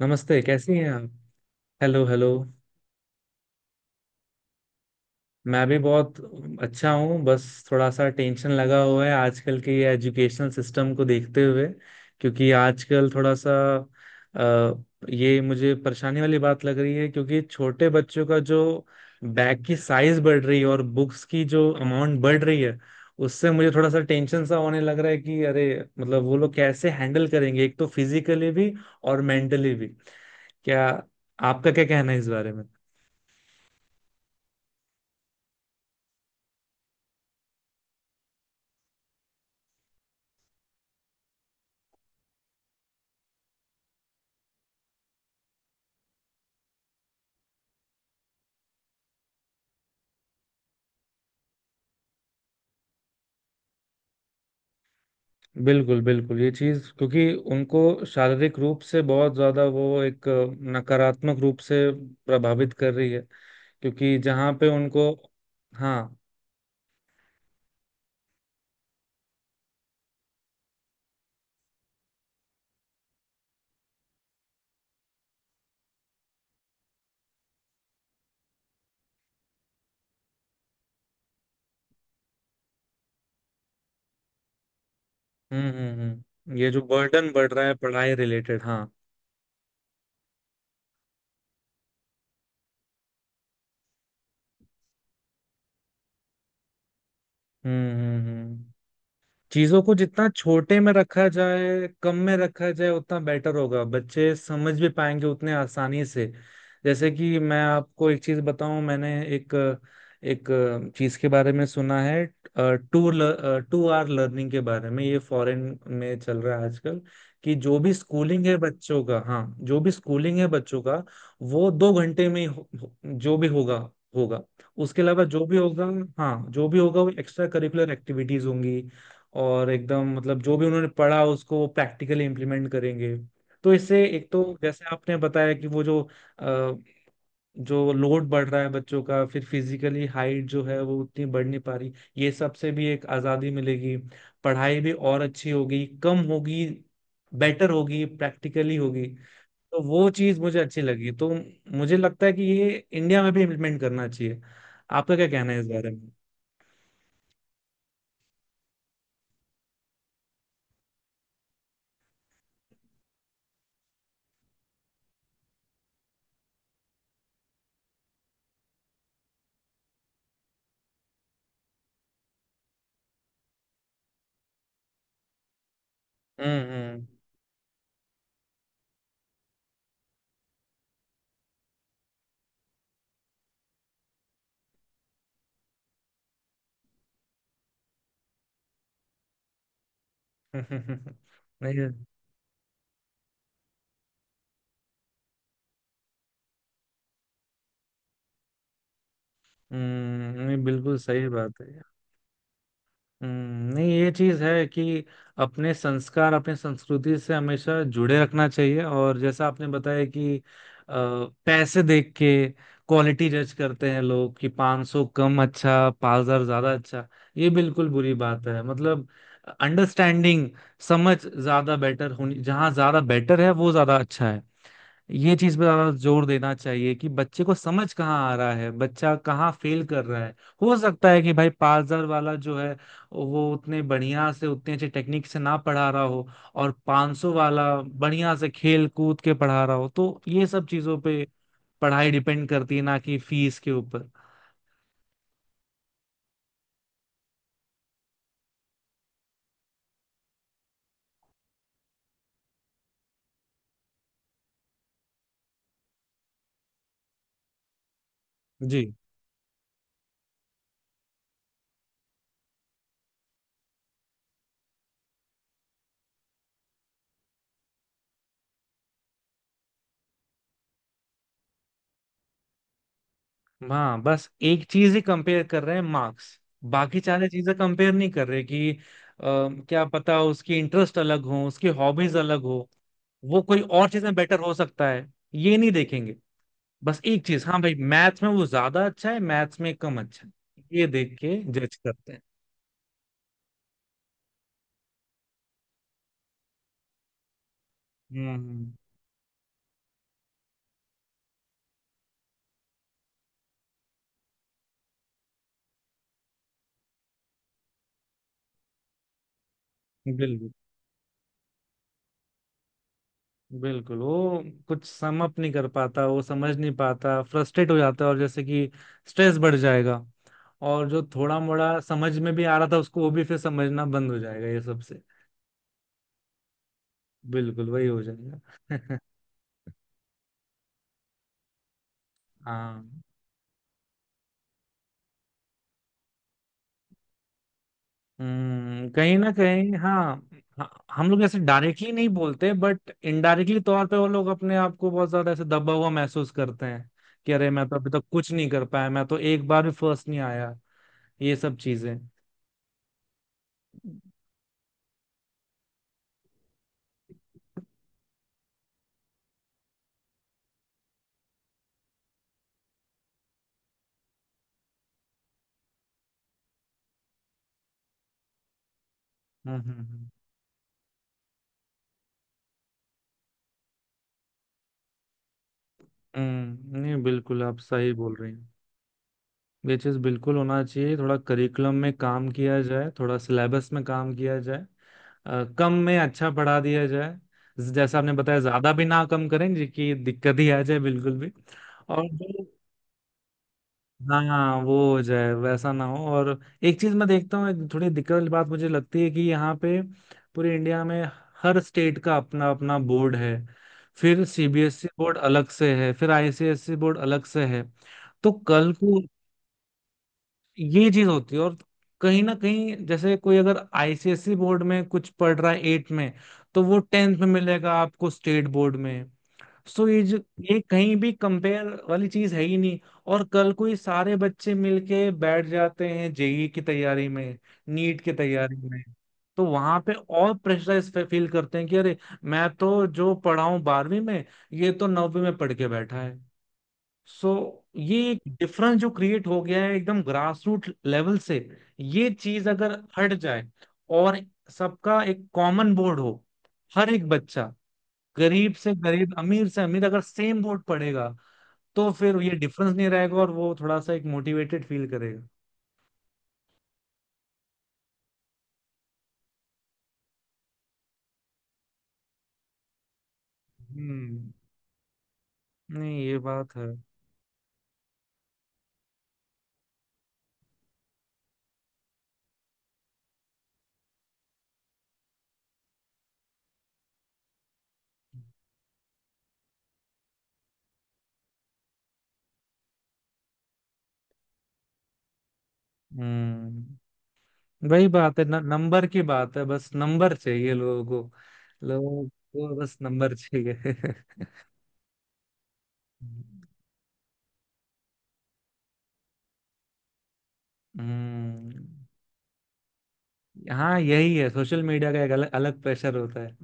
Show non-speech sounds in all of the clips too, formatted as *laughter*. नमस्ते, कैसी हैं आप। Hello hello. मैं भी बहुत अच्छा हूँ। बस थोड़ा सा टेंशन लगा हुआ है आजकल के ये एजुकेशनल सिस्टम को देखते हुए। क्योंकि आजकल थोड़ा सा अ, ये मुझे परेशानी वाली बात लग रही है, क्योंकि छोटे बच्चों का जो बैग की साइज बढ़ रही है और बुक्स की जो अमाउंट बढ़ रही है, उससे मुझे थोड़ा सा टेंशन सा होने लग रहा है कि अरे, मतलब वो लोग कैसे हैंडल करेंगे, एक तो फिजिकली भी और मेंटली भी। क्या आपका क्या कहना है इस बारे। बिल्कुल बिल्कुल, ये चीज क्योंकि उनको शारीरिक रूप से बहुत ज्यादा वो एक नकारात्मक रूप से प्रभावित कर रही है, क्योंकि जहाँ पे उनको। हाँ। हम्म, ये जो बर्डन बढ़ रहा है पढ़ाई रिलेटेड। हाँ। हम्म, चीजों को जितना छोटे में रखा जाए, कम में रखा जाए, उतना बेटर होगा, बच्चे समझ भी पाएंगे उतने आसानी से। जैसे कि मैं आपको एक चीज बताऊं, मैंने एक एक चीज के बारे में सुना है, टू टू आर लर्निंग के बारे में, ये फॉरेन में चल रहा है आजकल कि जो भी स्कूलिंग है बच्चों का। हाँ। जो भी स्कूलिंग है बच्चों का वो 2 घंटे में ही जो भी होगा, होगा। उसके अलावा जो भी होगा। हाँ, जो भी होगा वो एक्स्ट्रा करिकुलर एक्टिविटीज होंगी, और एकदम मतलब जो भी उन्होंने पढ़ा उसको वो प्रैक्टिकली इम्प्लीमेंट करेंगे। तो इससे एक तो जैसे आपने बताया कि वो जो अ, जो लोड बढ़ रहा है बच्चों का, फिर फिजिकली हाइट जो है वो उतनी बढ़ नहीं पा रही, ये सब से भी एक आज़ादी मिलेगी, पढ़ाई भी और अच्छी होगी, कम होगी, बेटर होगी, प्रैक्टिकली होगी। तो वो चीज़ मुझे अच्छी लगी, तो मुझे लगता है कि ये इंडिया में भी इम्प्लीमेंट करना चाहिए। आपका क्या कहना है इस बारे में। हम्म हम्म। *laughs* नहीं। हम्म, नहीं, बिल्कुल सही बात है। हम्म, नहीं, ये चीज है कि अपने संस्कार अपने संस्कृति से हमेशा जुड़े रखना चाहिए। और जैसा आपने बताया कि पैसे देख के क्वालिटी जज करते हैं लोग कि 500 कम अच्छा, 5,000 ज्यादा अच्छा। ये बिल्कुल बुरी बात है, मतलब अंडरस्टैंडिंग, समझ ज्यादा बेटर होनी, जहाँ ज्यादा बेटर है वो ज्यादा अच्छा है। ये चीज पे ज्यादा जोर देना चाहिए कि बच्चे को समझ कहाँ आ रहा है, बच्चा कहाँ फेल कर रहा है। हो सकता है कि भाई 5,000 वाला जो है वो उतने बढ़िया से, उतने अच्छे टेक्निक से ना पढ़ा रहा हो, और 500 वाला बढ़िया से खेल कूद के पढ़ा रहा हो। तो ये सब चीजों पे पढ़ाई डिपेंड करती है, ना कि फीस के ऊपर। जी। हाँ, बस एक चीज ही कंपेयर कर रहे हैं, मार्क्स। बाकी सारी चीजें कंपेयर नहीं कर रहे कि क्या पता उसकी इंटरेस्ट अलग हो, उसकी हॉबीज अलग हो, वो कोई और चीज में बेटर हो सकता है। ये नहीं देखेंगे। बस एक चीज, हाँ भाई मैथ्स में वो ज्यादा अच्छा है, मैथ्स में कम अच्छा है, ये देख के जज करते हैं। हम्म। बिल्कुल बिल्कुल, वो कुछ सम अप नहीं कर पाता, वो समझ नहीं पाता, फ्रस्ट्रेट हो जाता है। और जैसे कि स्ट्रेस बढ़ जाएगा, और जो थोड़ा मोड़ा समझ में भी आ रहा था उसको वो भी फिर समझना बंद हो जाएगा ये सब से। बिल्कुल वही हो जाएगा। *laughs* हाँ। हम्म, कहीं ना कहीं। हाँ हाँ, हम लोग ऐसे डायरेक्टली नहीं बोलते, बट इनडायरेक्टली तौर पे वो लोग अपने आप को बहुत ज्यादा ऐसे दबा हुआ महसूस करते हैं कि अरे, मैं तो अभी तक कुछ नहीं कर पाया, मैं तो एक बार भी फर्स्ट नहीं आया। ये सब चीजें। हम्म हम्म हम्म। हम्म, नहीं बिल्कुल आप सही बोल रही हैं। ये चीज बिल्कुल होना चाहिए, थोड़ा करिकुलम में काम किया जाए, थोड़ा सिलेबस में काम किया जाए, कम में अच्छा पढ़ा दिया जाए। जैसा आपने बताया ज्यादा भी ना, कम करें जी की दिक्कत ही आ जाए बिल्कुल भी। और जो, हाँ वो हो जाए वैसा ना हो। और एक चीज मैं देखता हूँ, एक थोड़ी दिक्कत वाली बात मुझे लगती है कि यहाँ पे पूरे इंडिया में हर स्टेट का अपना अपना बोर्ड है। फिर सीबीएसई बोर्ड अलग से है, फिर आईसीएसई बोर्ड अलग से है। तो कल को ये चीज होती है, और कहीं ना कहीं जैसे कोई अगर आईसीएसई बोर्ड में कुछ पढ़ रहा है 8 में तो वो टेंथ में मिलेगा आपको स्टेट बोर्ड में। सो ये जो, ये कहीं भी कंपेयर वाली चीज है ही नहीं। और कल कोई सारे बच्चे मिलके बैठ जाते हैं जेई की तैयारी में, नीट की तैयारी में, तो वहां पे और प्रेशराइज फील करते हैं कि अरे, मैं तो जो पढ़ा हूं बारहवीं में ये तो नौवीं में पढ़ के बैठा है। सो ये एक डिफरेंस जो क्रिएट हो गया है एकदम ग्रासरूट लेवल से, ये चीज अगर हट जाए और सबका एक कॉमन बोर्ड हो, हर एक बच्चा गरीब से गरीब, अमीर से अमीर, अगर सेम वोट पड़ेगा, तो फिर ये डिफरेंस नहीं रहेगा और वो थोड़ा सा एक मोटिवेटेड फील करेगा। हम्म, नहीं ये बात है। हम्म, वही बात है न, नंबर की बात है, बस नंबर चाहिए लोगों को। लोगों को बस नंबर चाहिए। *laughs* हम्म। हाँ यही है, सोशल मीडिया का एक अलग अलग प्रेशर होता है।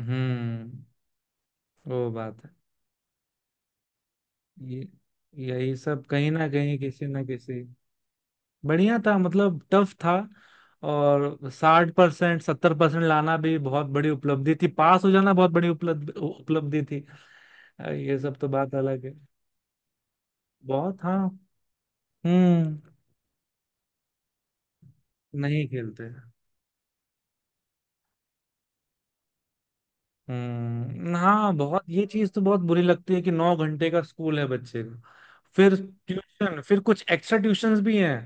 हम्म, वो बात है। ये, यही सब कहीं ना कहीं किसी ना किसी। बढ़िया था मतलब, टफ था। और 60% 70% लाना भी बहुत बड़ी उपलब्धि थी, पास हो जाना बहुत बड़ी उपलब्धि थी। ये सब तो बात अलग है। बहुत, हाँ। हम्म। नहीं खेलते। हाँ, बहुत ये चीज तो बहुत बुरी लगती है कि 9 घंटे का स्कूल है बच्चे का, फिर ट्यूशन, फिर कुछ एक्स्ट्रा ट्यूशंस भी हैं।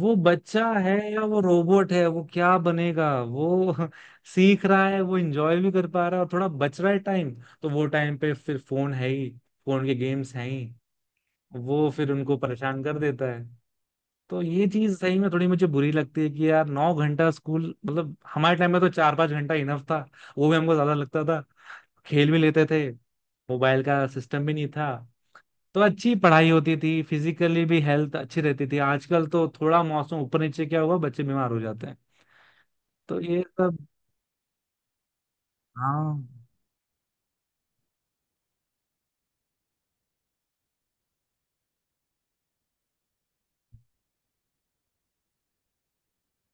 वो बच्चा है या वो रोबोट है, वो क्या बनेगा वो। *laughs* सीख रहा है वो, एंजॉय भी कर पा रहा है, और थोड़ा बच रहा है टाइम, तो वो टाइम पे फिर फोन है ही, फोन के गेम्स हैं ही, वो फिर उनको परेशान कर देता है। तो ये चीज सही में थोड़ी मुझे बुरी लगती है कि यार 9 घंटा स्कूल, मतलब हमारे टाइम में तो 4-5 घंटा इनफ था, वो भी हमको ज्यादा लगता था। खेल भी लेते थे, मोबाइल का सिस्टम भी नहीं था, तो अच्छी पढ़ाई होती थी, फिजिकली भी हेल्थ अच्छी रहती थी। आजकल तो थोड़ा मौसम ऊपर नीचे क्या हुआ, बच्चे बीमार हो जाते हैं। तो ये सब। हाँ।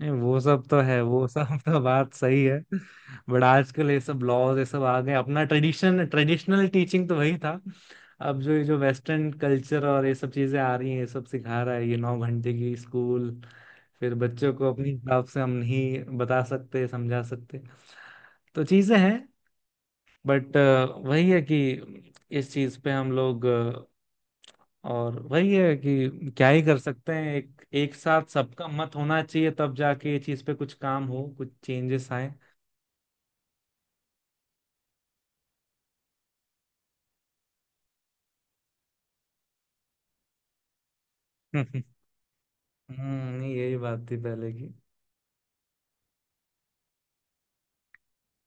नहीं, वो सब तो है वो सब। *laughs* तो बात सही है, बट आजकल ये सब लॉज ये सब आ गए। अपना ट्रेडिशन, ट्रेडिशनल टीचिंग तो वही था। अब जो ये जो वेस्टर्न कल्चर और ये सब चीजें आ रही हैं, ये सब सिखा रहा है ये 9 घंटे की स्कूल। फिर बच्चों को अपने हिसाब से हम नहीं बता सकते, समझा सकते, तो चीजें हैं। बट वही है कि इस चीज पे हम लोग और वही है कि क्या ही कर सकते हैं, एक एक साथ सबका मत होना चाहिए, तब जाके ये चीज पे कुछ काम हो, कुछ चेंजेस आए। *laughs* हम्म। नहीं, यही बात थी पहले की।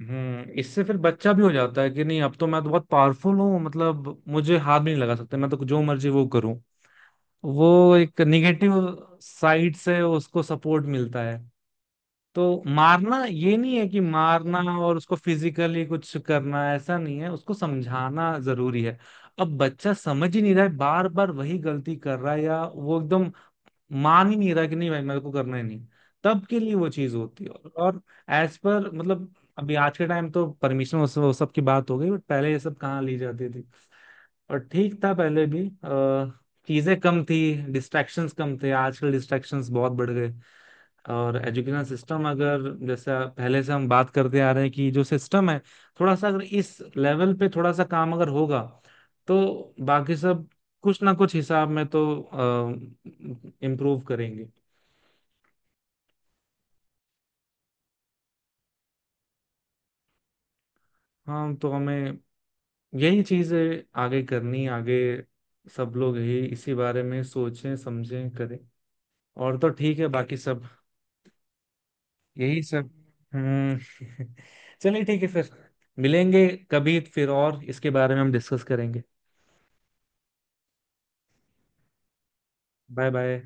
हम्म, इससे फिर बच्चा भी हो जाता है कि नहीं अब तो मैं तो बहुत पावरफुल हूँ, मतलब मुझे हाथ भी नहीं लगा सकते, मैं तो जो मर्जी वो करूँ। वो एक निगेटिव साइड से उसको सपोर्ट मिलता है। तो मारना, ये नहीं है कि मारना और उसको फिजिकली कुछ करना, ऐसा नहीं है, उसको समझाना जरूरी है। अब बच्चा समझ ही नहीं रहा है, बार बार वही गलती कर रहा है, या वो एकदम मान ही नहीं रहा कि नहीं भाई मेरे को करना ही नहीं, तब के लिए वो चीज होती है। और एज पर मतलब अभी आज के टाइम तो परमिशन वो सब की बात हो गई, बट पहले ये सब कहाँ ली जाती थी। और ठीक था पहले भी। चीजें कम थी, डिस्ट्रैक्शंस कम थे, आजकल डिस्ट्रैक्शंस बहुत बढ़ गए। और एजुकेशन सिस्टम अगर, जैसे पहले से हम बात करते आ रहे हैं कि जो सिस्टम है, थोड़ा सा अगर इस लेवल पे थोड़ा सा काम अगर होगा, तो बाकी सब कुछ ना कुछ हिसाब में तो इम्प्रूव करेंगे। हाँ, तो हमें यही चीजें आगे करनी, आगे सब लोग यही इसी बारे में सोचें, समझें, करें, और तो ठीक है बाकी सब। यही सब। हम्म। *laughs* चलिए ठीक है फिर, मिलेंगे कभी फिर और इसके बारे में हम डिस्कस करेंगे। Bye bye.